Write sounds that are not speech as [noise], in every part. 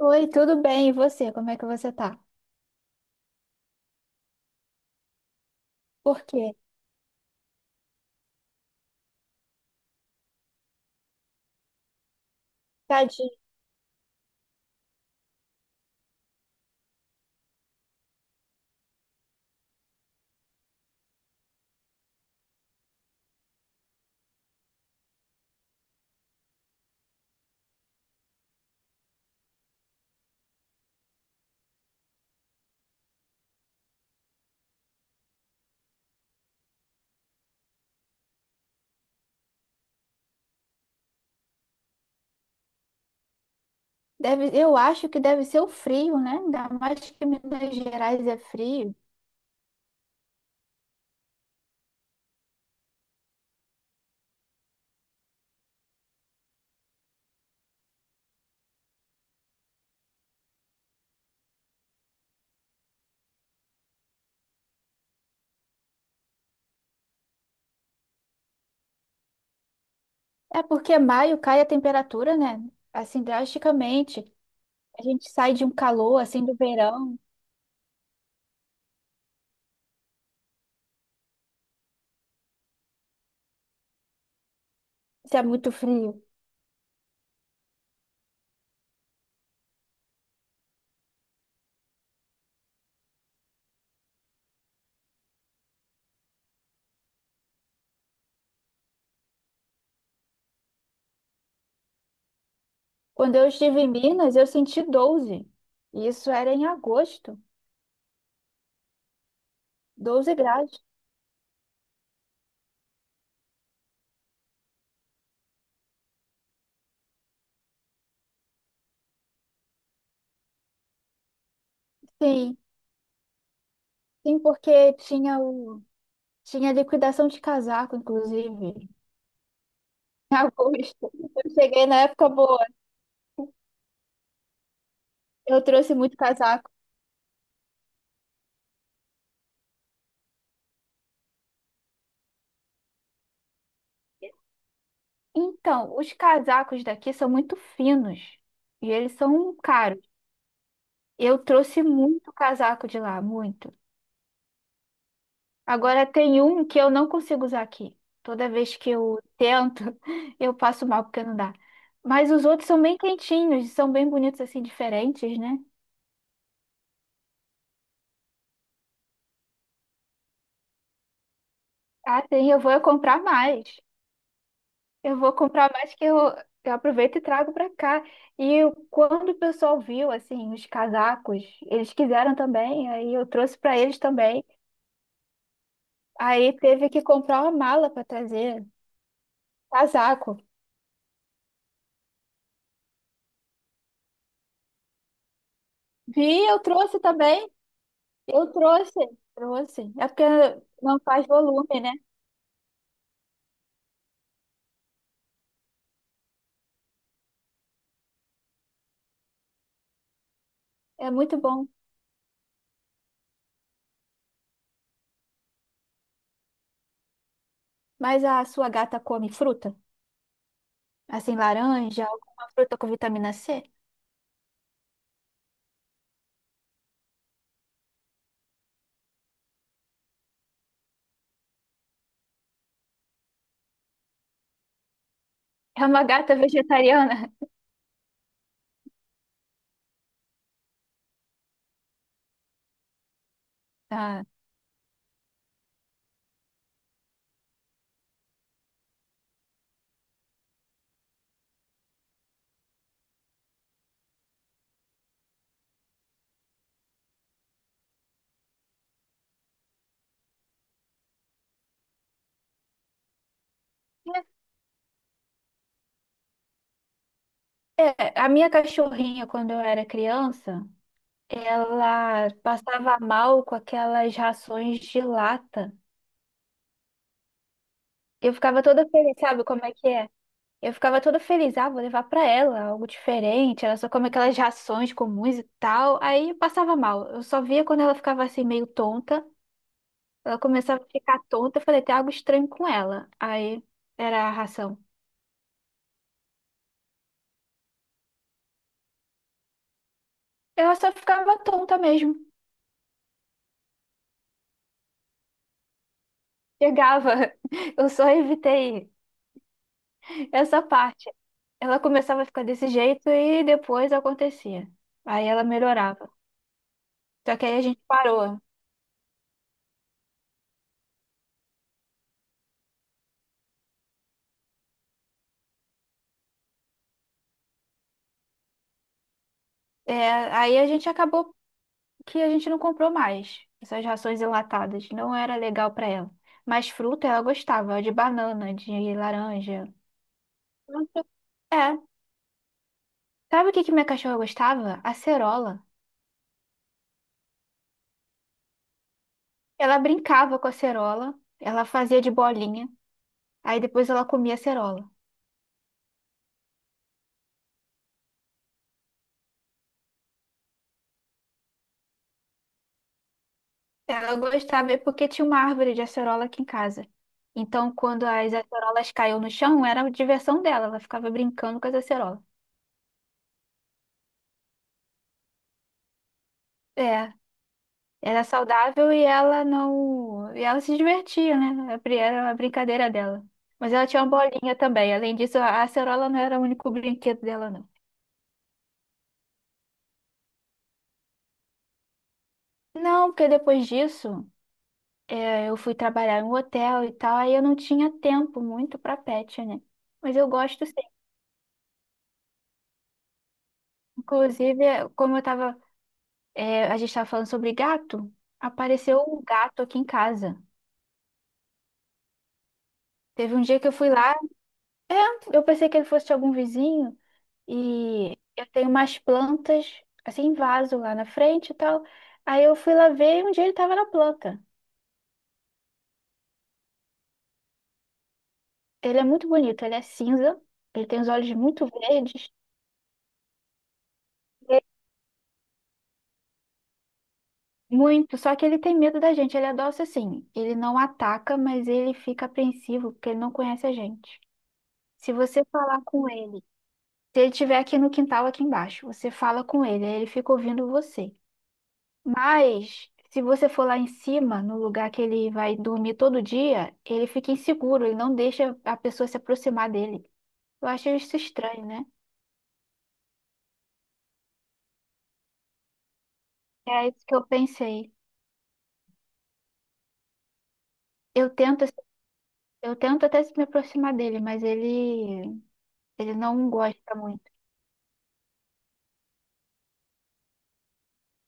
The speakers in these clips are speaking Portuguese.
Oi, tudo bem? E você? Como é que você tá? Por quê? Tadinho. Deve, eu acho que deve ser o frio, né? Ainda mais que Minas Gerais é frio. É porque maio cai a temperatura, né? Assim, drasticamente. A gente sai de um calor, assim, do verão. Isso é muito frio. Quando eu estive em Minas, eu senti 12. E isso era em agosto. 12° graus. Sim. Sim, porque tinha o... Tinha liquidação de casaco, inclusive. [laughs] Em agosto. Eu cheguei na época boa. Eu trouxe muito casaco. Então, os casacos daqui são muito finos e eles são caros. Eu trouxe muito casaco de lá, muito. Agora tem um que eu não consigo usar aqui. Toda vez que eu tento, [laughs] eu passo mal porque não dá. Mas os outros são bem quentinhos, são bem bonitos assim, diferentes, né? Ah, sim, eu vou comprar mais. Eu vou comprar mais eu aproveito e trago para cá. Quando o pessoal viu, assim, os casacos, eles quiseram também, aí eu trouxe para eles também. Aí teve que comprar uma mala para trazer casaco. Vi, eu trouxe também. Eu trouxe, Trouxe. É porque não faz volume, né? É muito bom. Mas a sua gata come fruta? Assim, laranja, alguma fruta com vitamina C? É uma gata vegetariana? [laughs] Ah. É, a minha cachorrinha, quando eu era criança, ela passava mal com aquelas rações de lata. Eu ficava toda feliz, sabe como é que é? Eu ficava toda feliz, ah, vou levar pra ela algo diferente. Ela só come aquelas rações comuns e tal. Aí eu passava mal. Eu só via quando ela ficava assim meio tonta. Ela começava a ficar tonta. Eu falei, tem algo estranho com ela. Aí era a ração. Ela só ficava tonta mesmo. Chegava. [laughs] Eu só evitei essa parte. Ela começava a ficar desse jeito e depois acontecia. Aí ela melhorava. Só que aí a gente parou. É, aí a gente acabou que a gente não comprou mais essas rações enlatadas. Não era legal pra ela. Mas fruta ela gostava, de banana, de laranja. É. Sabe o que que minha cachorra gostava? Acerola. Ela brincava com a acerola, ela fazia de bolinha, aí depois ela comia acerola. Ela gostava é porque tinha uma árvore de acerola aqui em casa. Então, quando as acerolas caíam no chão, era a diversão dela. Ela ficava brincando com as acerolas. É, era saudável e ela não. E ela se divertia, né? Era a brincadeira dela. Mas ela tinha uma bolinha também. Além disso, a acerola não era o único brinquedo dela, não. Não, porque depois disso, é, eu fui trabalhar em um hotel e tal, aí eu não tinha tempo muito pra pet, né? Mas eu gosto sim. Inclusive, como eu tava É, a gente estava falando sobre gato. Apareceu um gato aqui em casa. Teve um dia que eu fui lá, eu pensei que ele fosse de algum vizinho e eu tenho umas plantas assim em vaso lá na frente e tal. Aí eu fui lá ver e um dia ele estava na planta. Ele é muito bonito, ele é cinza, ele tem os olhos muito verdes, é muito, só que ele tem medo da gente, ele é dócil assim. Ele não ataca, mas ele fica apreensivo porque ele não conhece a gente. Se você falar com ele, se ele estiver aqui no quintal, aqui embaixo, você fala com ele, aí ele fica ouvindo você. Mas se você for lá em cima, no lugar que ele vai dormir todo dia, ele fica inseguro, ele não deixa a pessoa se aproximar dele. Eu acho isso estranho, né? É isso que eu pensei. Eu tento, eu tento até me aproximar dele, mas ele não gosta muito.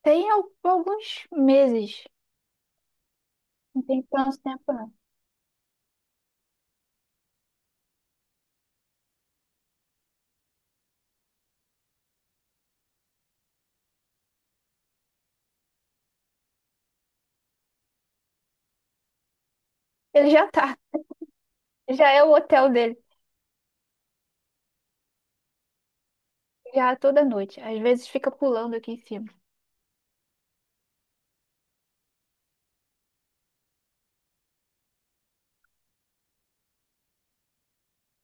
Tem alguns meses, não tem tanto tempo não. Ele já tá, Já é o hotel dele, já é toda noite. Às vezes fica pulando aqui em cima.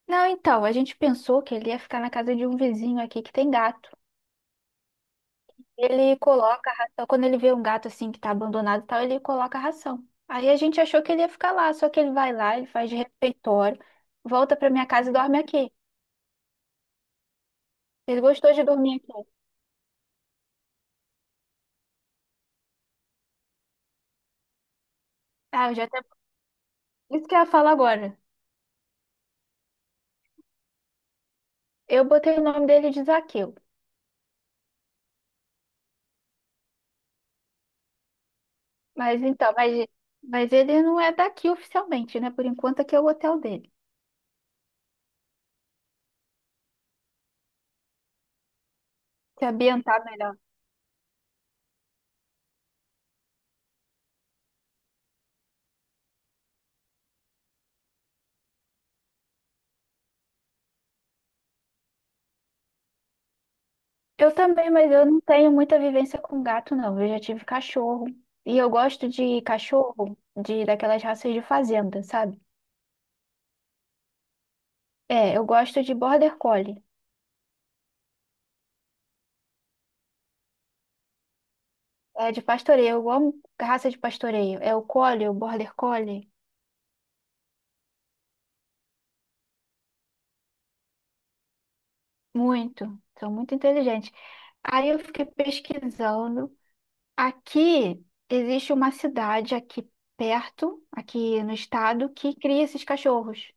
Não, então, a gente pensou que ele ia ficar na casa de um vizinho aqui que tem gato. Ele coloca a ração, quando ele vê um gato assim que tá abandonado e tal, ele coloca a ração. Aí a gente achou que ele ia ficar lá, só que ele vai lá, ele faz de refeitório, volta pra minha casa e dorme aqui. Ele gostou de dormir aqui. Ah, eu já até... Isso que eu ia falar agora. Eu botei o nome dele de Zaqueu. Mas então, mas, mas ele não é daqui oficialmente, né? Por enquanto aqui é o hotel dele. Se ambientar melhor. Eu também, mas eu não tenho muita vivência com gato, não. Eu já tive cachorro. E eu gosto de cachorro de daquelas raças de fazenda, sabe? É, eu gosto de border collie. É de pastoreio. Eu amo raça de pastoreio. É o collie, o border collie. Muito. São muito inteligentes. Aí eu fiquei pesquisando. Aqui existe uma cidade aqui perto, aqui no estado, que cria esses cachorros.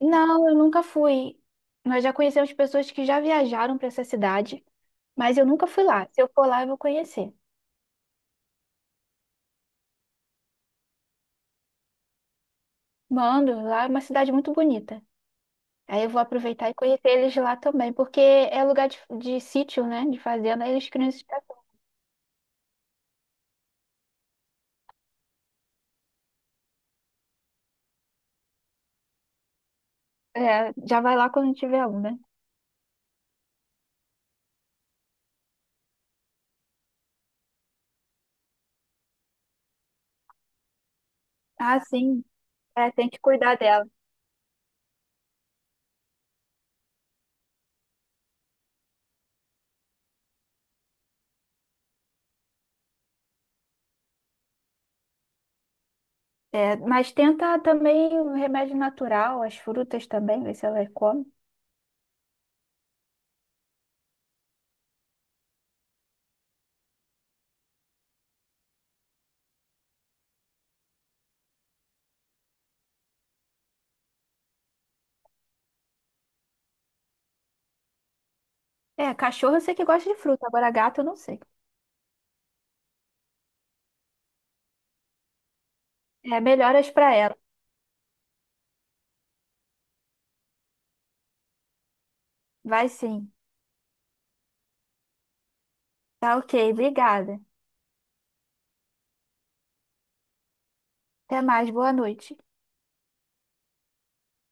Não, eu nunca fui. Nós já conhecemos pessoas que já viajaram para essa cidade, mas eu nunca fui lá. Se eu for lá, eu vou conhecer. Mando, lá é uma cidade muito bonita. Aí eu vou aproveitar e conhecer eles lá também, porque é lugar de sítio, né? De fazenda, aí eles criam esse cachorros. É, já vai lá quando tiver um, né? Ah, sim. É, tem que cuidar dela. É, mas tenta também um remédio natural, as frutas também, ver se ela come. É, cachorro eu sei que gosta de fruta, agora gato eu não sei. É, melhoras para ela. Vai sim. Tá ok, obrigada. Até mais, boa noite.